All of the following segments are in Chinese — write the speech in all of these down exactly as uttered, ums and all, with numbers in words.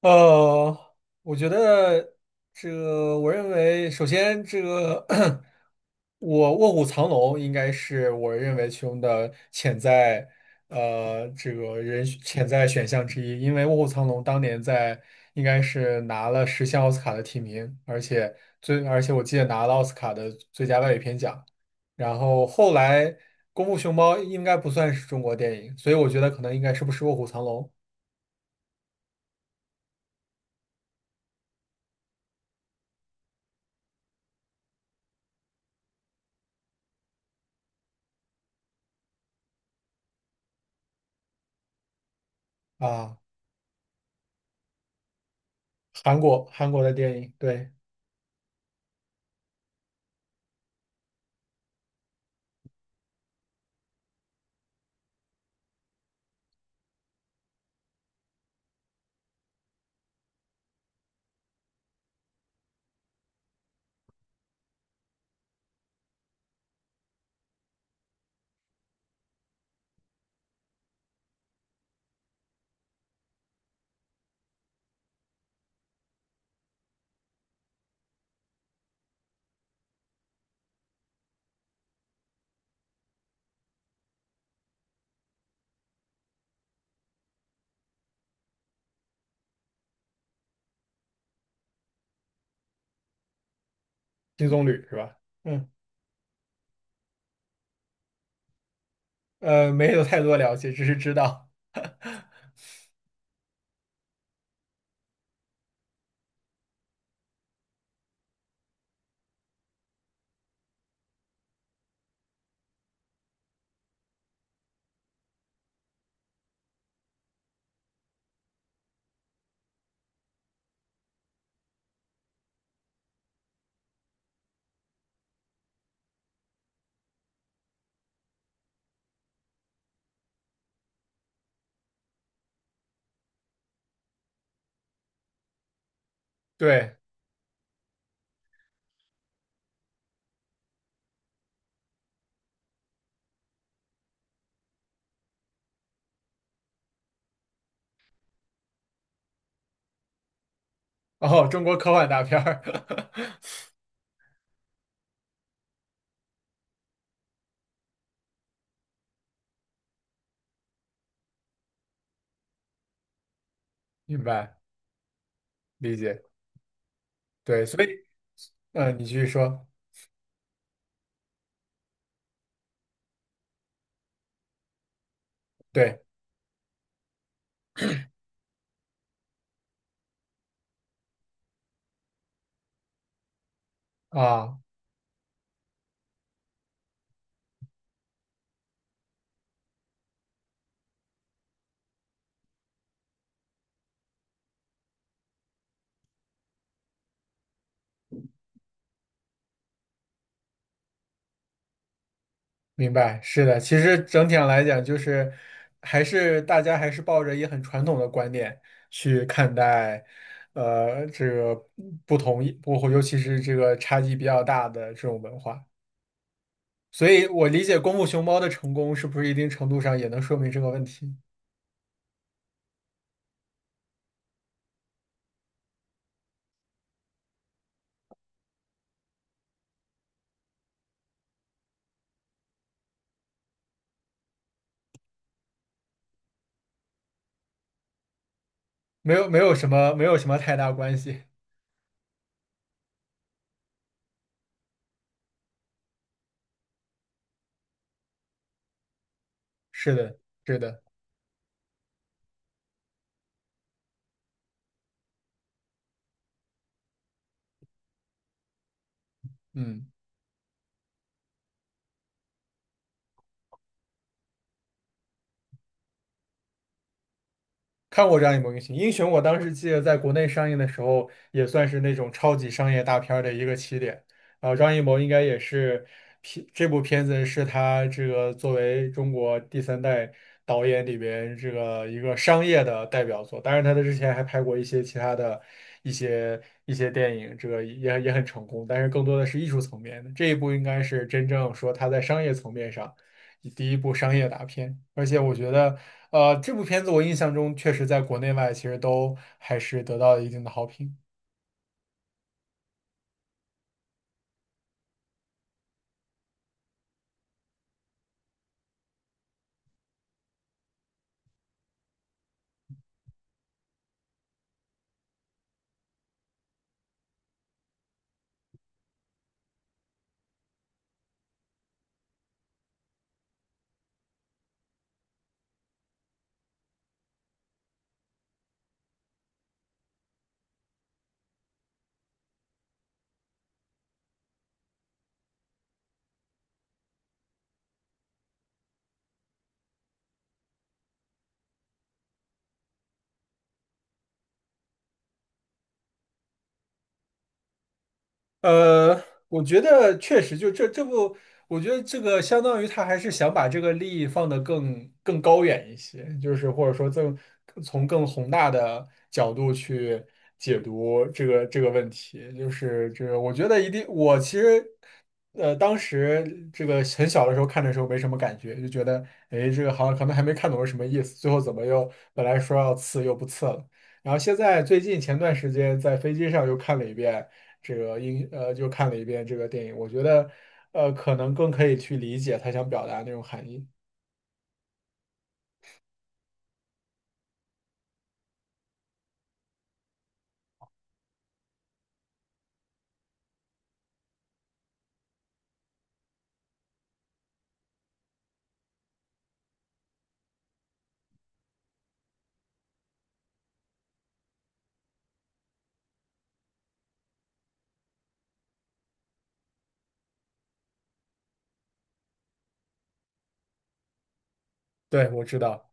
呃，我觉得这个，我认为首先这个 我卧虎藏龙应该是我认为其中的潜在呃这个人潜在选项之一，因为卧虎藏龙当年在应该是拿了十项奥斯卡的提名，而且最而且我记得拿了奥斯卡的最佳外语片奖，然后后来功夫熊猫应该不算是中国电影，所以我觉得可能应该是不是卧虎藏龙。啊。韩国韩国的电影，对。《金棕榈》是吧？嗯，呃，没有太多了解，只是知道。对。哦，中国科幻大片儿。明白，理解。对，所以，嗯、你继续说。对啊，明白，是的。其实整体上来讲，就是还是大家还是抱着一个很传统的观念去看待，呃，这个不同意，不，尤其是这个差异比较大的这种文化。所以我理解功夫熊猫的成功是不是一定程度上也能说明这个问题？没有，没有什么，没有什么太大关系。是的，是的，嗯。看过张艺谋部英雄，英雄我当时记得在国内上映的时候，也算是那种超级商业大片儿的一个起点。啊，张艺谋应该也是片这部片子是他这个作为中国第三代导演里边这个一个商业的代表作。当然，他在之前还拍过一些其他的一些一些电影，这个也也很成功，但是更多的是艺术层面的。这一部应该是真正说他在商业层面上。第一部商业大片，而且我觉得，呃，这部片子我印象中确实在国内外其实都还是得到了一定的好评。呃，我觉得确实就这这不，我觉得这个相当于他还是想把这个利益放得更更高远一些，就是或者说更从更宏大的角度去解读这个这个问题，就是这个我觉得一定，我其实呃当时这个很小的时候看的时候没什么感觉，就觉得哎这个好像可能还没看懂是什么意思，最后怎么又本来说要刺又不刺了，然后现在最近前段时间在飞机上又看了一遍。这个英呃，就看了一遍这个电影，我觉得呃，可能更可以去理解他想表达那种含义。对，我知道。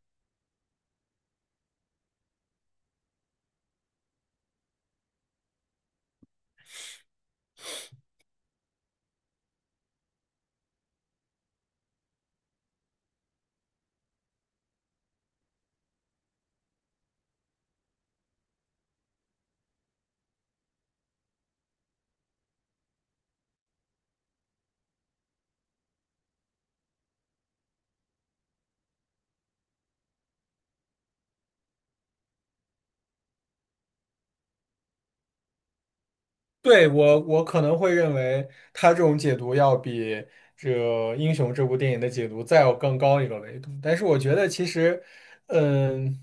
对，我我可能会认为他这种解读要比这个《英雄》这部电影的解读再要更高一个维度，但是我觉得其实，嗯。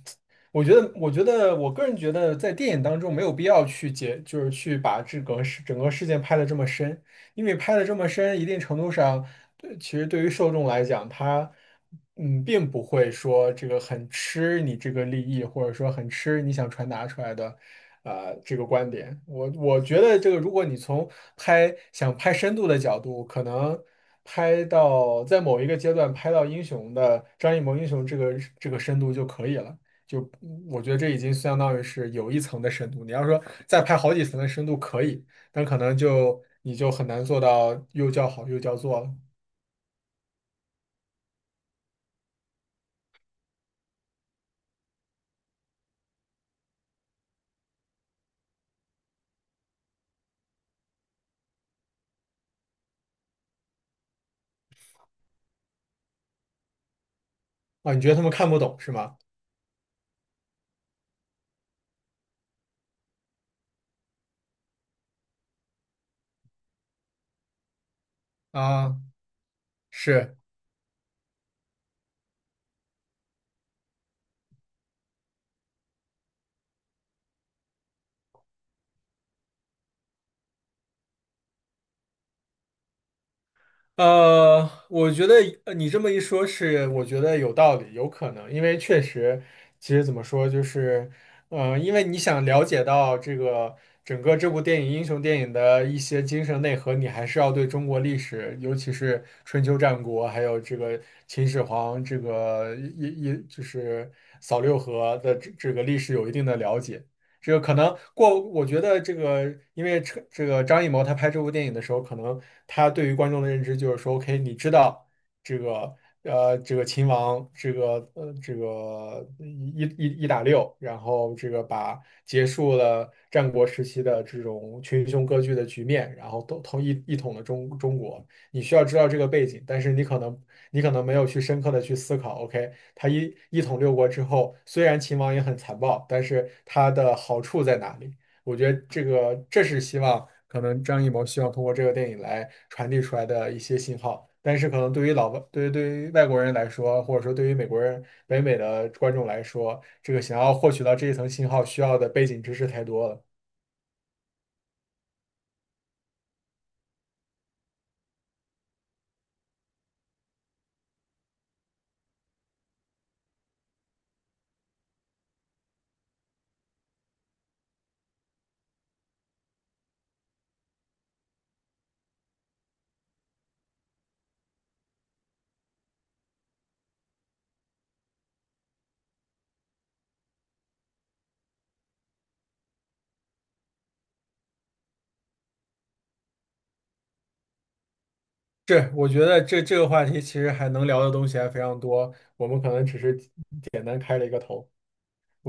我觉得，我觉得，我个人觉得，在电影当中没有必要去解，就是去把这个事整个事件拍得这么深，因为拍的这么深，一定程度上，对，其实对于受众来讲，他嗯，并不会说这个很吃你这个利益，或者说很吃你想传达出来的。呃，这个观点，我我觉得这个，如果你从拍想拍深度的角度，可能拍到在某一个阶段拍到英雄的张艺谋英雄这个这个深度就可以了。就嗯我觉得这已经相当于是有一层的深度。你要说再拍好几层的深度可以，但可能就你就很难做到又叫好又叫座了。啊。你觉得他们看不懂是吗？啊，是。呃，我觉得呃你这么一说是，我觉得有道理，有可能，因为确实，其实怎么说，就是，呃，因为你想了解到这个整个这部电影英雄电影的一些精神内核，你还是要对中国历史，尤其是春秋战国，还有这个秦始皇，这个一一就是扫六合的这这个历史有一定的了解。这个可能过，我觉得这个，因为这这个张艺谋他拍这部电影的时候，可能他对于观众的认知就是说，OK，你知道这个呃这个秦王这个呃这个一一一打六，然后这个把结束了战国时期的这种群雄割据的局面，然后都统一一统了中中国，你需要知道这个背景，但是你可能你可能没有去深刻的去思考，OK。他一一统六国之后，虽然秦王也很残暴，但是他的好处在哪里？我觉得这个这是希望可能张艺谋希望通过这个电影来传递出来的一些信号。但是可能对于老外，对于对于外国人来说，或者说对于美国人、北美的观众来说，这个想要获取到这一层信号需要的背景知识太多了。是，我觉得这这个话题其实还能聊的东西还非常多，我们可能只是简单开了一个头。我觉得。